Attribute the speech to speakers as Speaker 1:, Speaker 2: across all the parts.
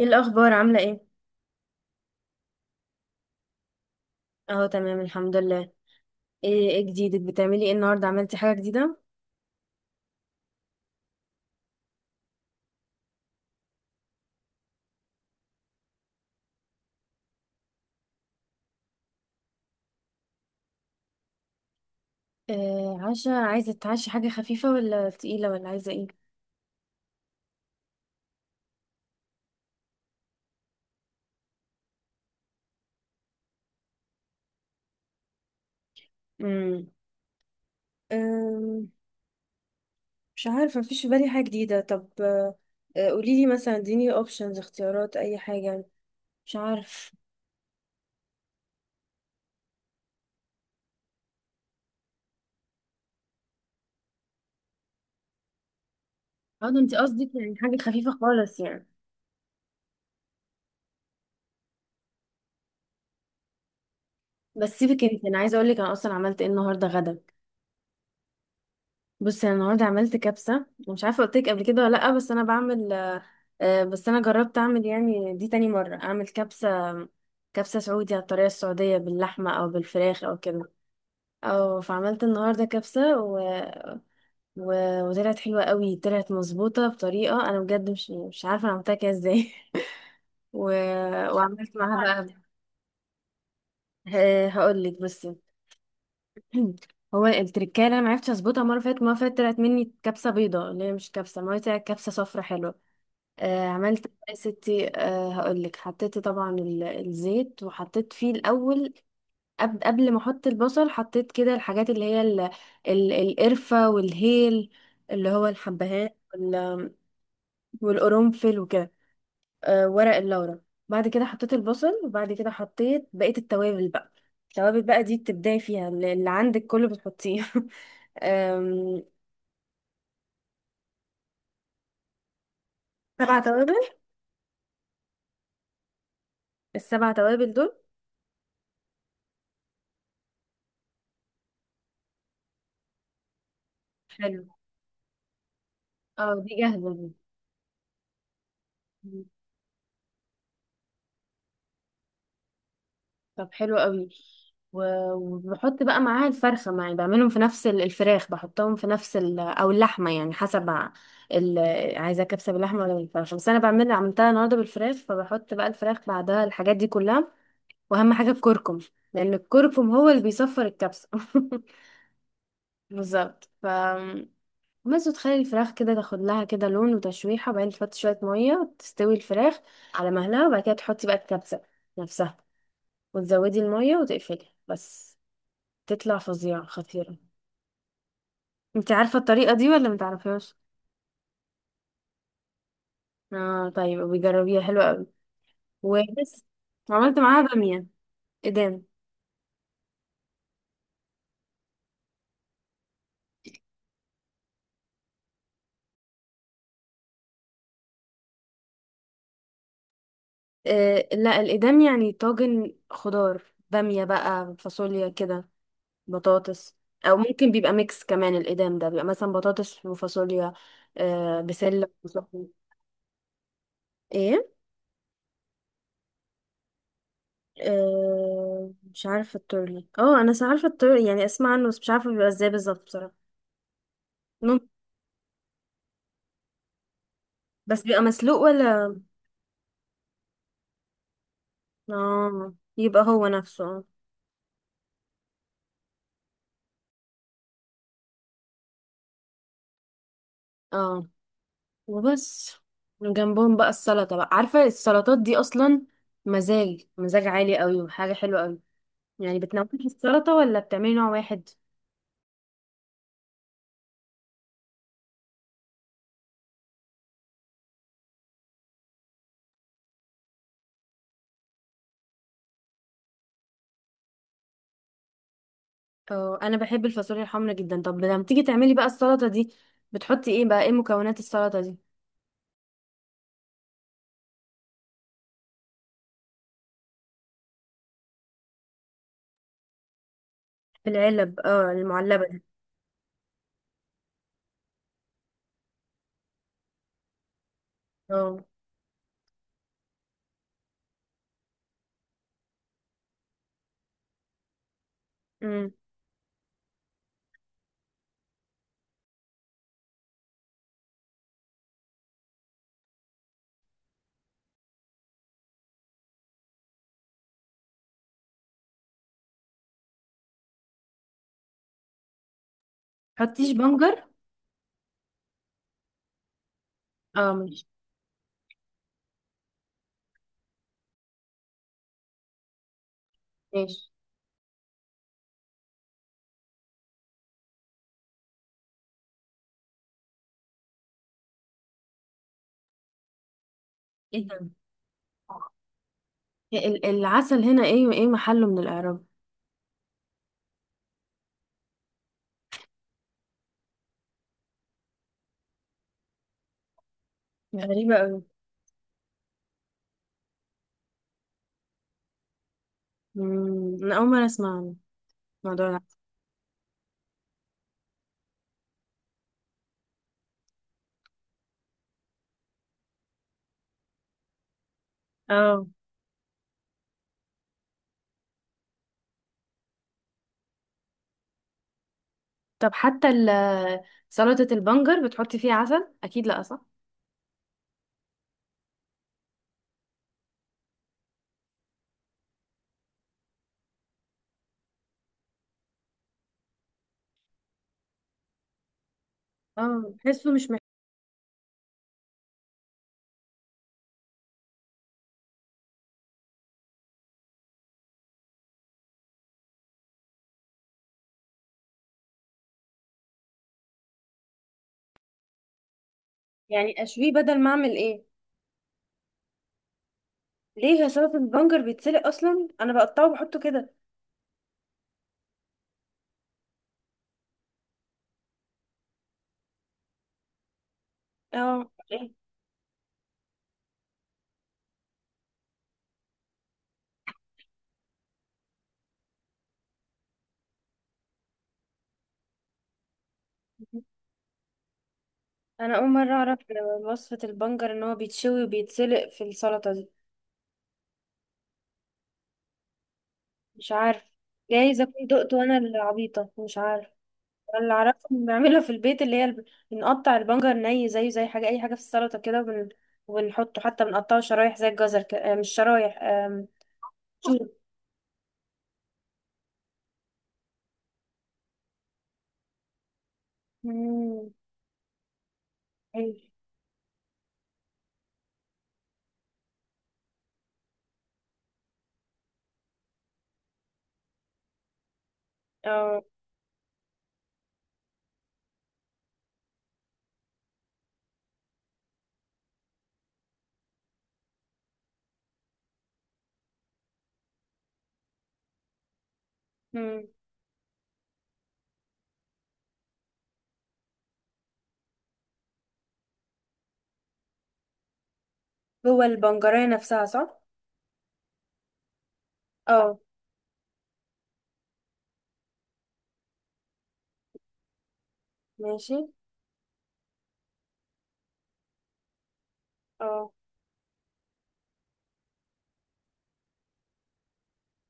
Speaker 1: ايه الاخبار، عامله ايه؟ اهو تمام، الحمد لله. ايه ايه جديدك؟ بتعملي ايه النهارده، عملتي حاجه جديده؟ آه عشا، عايزه تتعشي حاجه خفيفه ولا تقيله ولا عايزه ايه؟ امم أم، مش عارفة، مفيش في بالي حاجة جديدة. طب قوليلي مثلا، اديني اوبشنز، اختيارات، أي حاجة. مش عارف. اه، ده انت قصدك يعني حاجه خفيفه خالص يعني؟ بس سيبك انت، انا عايزه اقول لك انا اصلا عملت ايه النهارده غدا. بصي، انا النهارده عملت كبسه، مش عارفه قلت لك قبل كده ولا لا، بس انا بعمل بس انا جربت اعمل، يعني دي تاني مره اعمل كبسه، كبسه سعودي، على الطريقه السعوديه، باللحمه او بالفراخ او كده. او فعملت النهارده كبسه و... وطلعت حلوه قوي، طلعت مظبوطه بطريقه انا بجد مش عارفه انا عملتها كده ازاي. و... وعملت معاها بقى، آه، هقول لك بصي. هو التركايه اللي انا معرفتش اظبطها، مره فاتت مره فاتت طلعت مني كبسه بيضه، اللي هي مش كبسه، ما هي طلعت كبسه صفرا حلوه. عملت إيه يا ستي؟ هقولك حطيت طبعا الزيت، وحطيت فيه الاول، قبل ما احط البصل حطيت كده الحاجات اللي هي القرفه والهيل، اللي هو الحبهان، وال- والقرنفل وكده، ورق اللورا. بعد كده حطيت البصل، وبعد كده حطيت بقيه التوابل بقى. التوابل بقى دي بتبداي فيها، اللي عندك كله بتحطيه. آم، سبع توابل، السبع توابل دول. حلو. اه، دي جاهزه دي؟ طب حلو قوي. وبحط بقى معاها الفرخة، معي بعملهم في نفس الفراخ، بحطهم في نفس او اللحمة، يعني حسب ال... عايزة كبسة باللحمة ولا بالفراخ، بس انا بعمل عملتها النهاردة بالفراخ، فبحط بقى الفراخ بعدها الحاجات دي كلها، واهم حاجة الكركم، لان الكركم هو اللي بيصفر الكبسة. بالظبط ف، بس وتخلي الفراخ كده تاخد لها كده لون وتشويحة، وبعدين تحط شوية مية تستوي الفراخ على مهلها، وبعد كده تحطي بقى الكبسة نفسها، وتزودي المية وتقفلي بس، تطلع فظيعة خطيرة. انت عارفة الطريقة دي ولا متعرفهاش؟ اه، طيب، بيجربيها حلوة قوي. وبس، عملت معاها بامية، إدام. آه لا، الإدام يعني طاجن خضار، بامية بقى، فاصوليا كده، بطاطس. أو ممكن بيبقى ميكس كمان، الإدام ده بيبقى مثلا بطاطس وفاصوليا، بسلة وصحن. ايه. آه، مش عارفة التورلي، اه انا عارفة التورلي يعني، اسمع عنه بس مش عارفة بيبقى ازاي بالظبط بصراحة. ممكن. بس بيبقى مسلوق ولا؟ اه، يبقى هو نفسه، اه. اه، وبس، وجنبهم بقى السلطة بقى، عارفة السلطات دي أصلا؟ مزاج مزاج عالي قوي، وحاجة حلوة قوي. يعني بتنوعي السلطة ولا بتعملي نوع واحد؟ اه، أنا بحب الفاصوليا الحمرا جدا. طب لما تيجي تعملي بقى السلطة دي، بتحطي ايه بقى، ايه مكونات السلطة دي؟ في العلب، اه، المعلبة دي. اه. امم حطيش بنجر؟ اه، ماشي. ماشي. ايه ده؟ العسل هنا ايه وايه محله من الإعراب؟ غريبة اوي. انا اول مره اسمع عن الموضوع ده. اه، طب حتى سلطه البنجر بتحطي فيها عسل اكيد، لا صح؟ اه، بحسه مش محتاج. يعني اشويه بدل ما اعمل ايه؟ ليه يا سلطة البنجر بيتسلق اصلا؟ انا بقطعه وبحطه كده. اه، إيه؟ انا اول مره اعرف وصفه البنجر ان هو بيتشوي وبيتسلق في السلطه دي. مش عارف. جايز اكون دقت وانا العبيطه، مش عارف. اللي اعرفه بنعملها في البيت اللي هي بنقطع البنجر ني، زيه زي حاجه، اي حاجه في السلطه كده، وبنحطه، حتى بنقطعه شرايح زي الجزر، ك... آه، مش شرايح، شوربة. مم، حلو، اه، مم. جوه البنجرية نفسها صح؟ اه. ماشي. اه.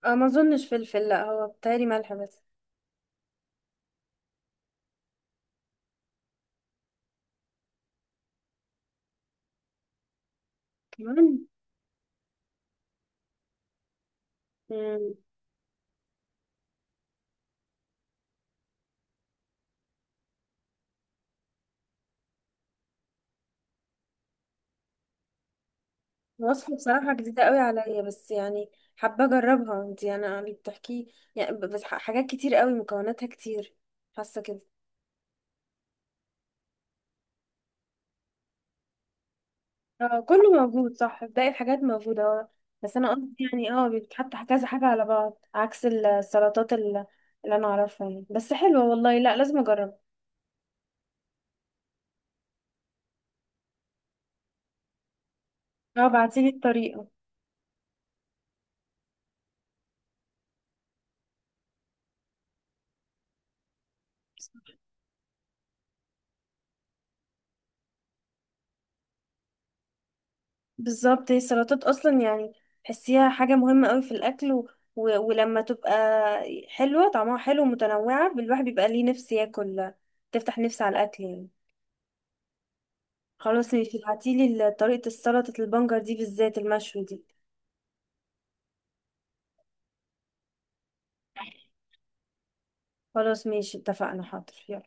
Speaker 1: آه، ما اظنش فلفل، لا هو بتهيألي ملح بس، كمان. مم. وصفة بصراحة جديدة قوي عليا، بس يعني حابة اجربها، انت يعني اللي بتحكيه، يعني بس حاجات كتير قوي، مكوناتها كتير، حاسة كده. اه، كله موجود، صح، باقي الحاجات موجودة، اه. بس أنا قصدي يعني، اه، بيتحط كذا حاجة على بعض عكس السلطات اللي أنا أعرفها يعني، بس حلوة والله، لا لازم أجرب. اه، بعتيلي الطريقة. بالظبط، هي السلطات أصلا يعني، تحسيها حاجة مهمة قوي في الأكل، ولما تبقى حلوة، طعمها حلو ومتنوعة، الواحد بيبقى ليه نفس ياكل، تفتح نفس على الأكل يعني. خلاص، ماشي، ابعتيلي طريقة السلطة البنجر دي، بالذات المشوي دي. خلاص، ماشي، اتفقنا، حاضر، يلا.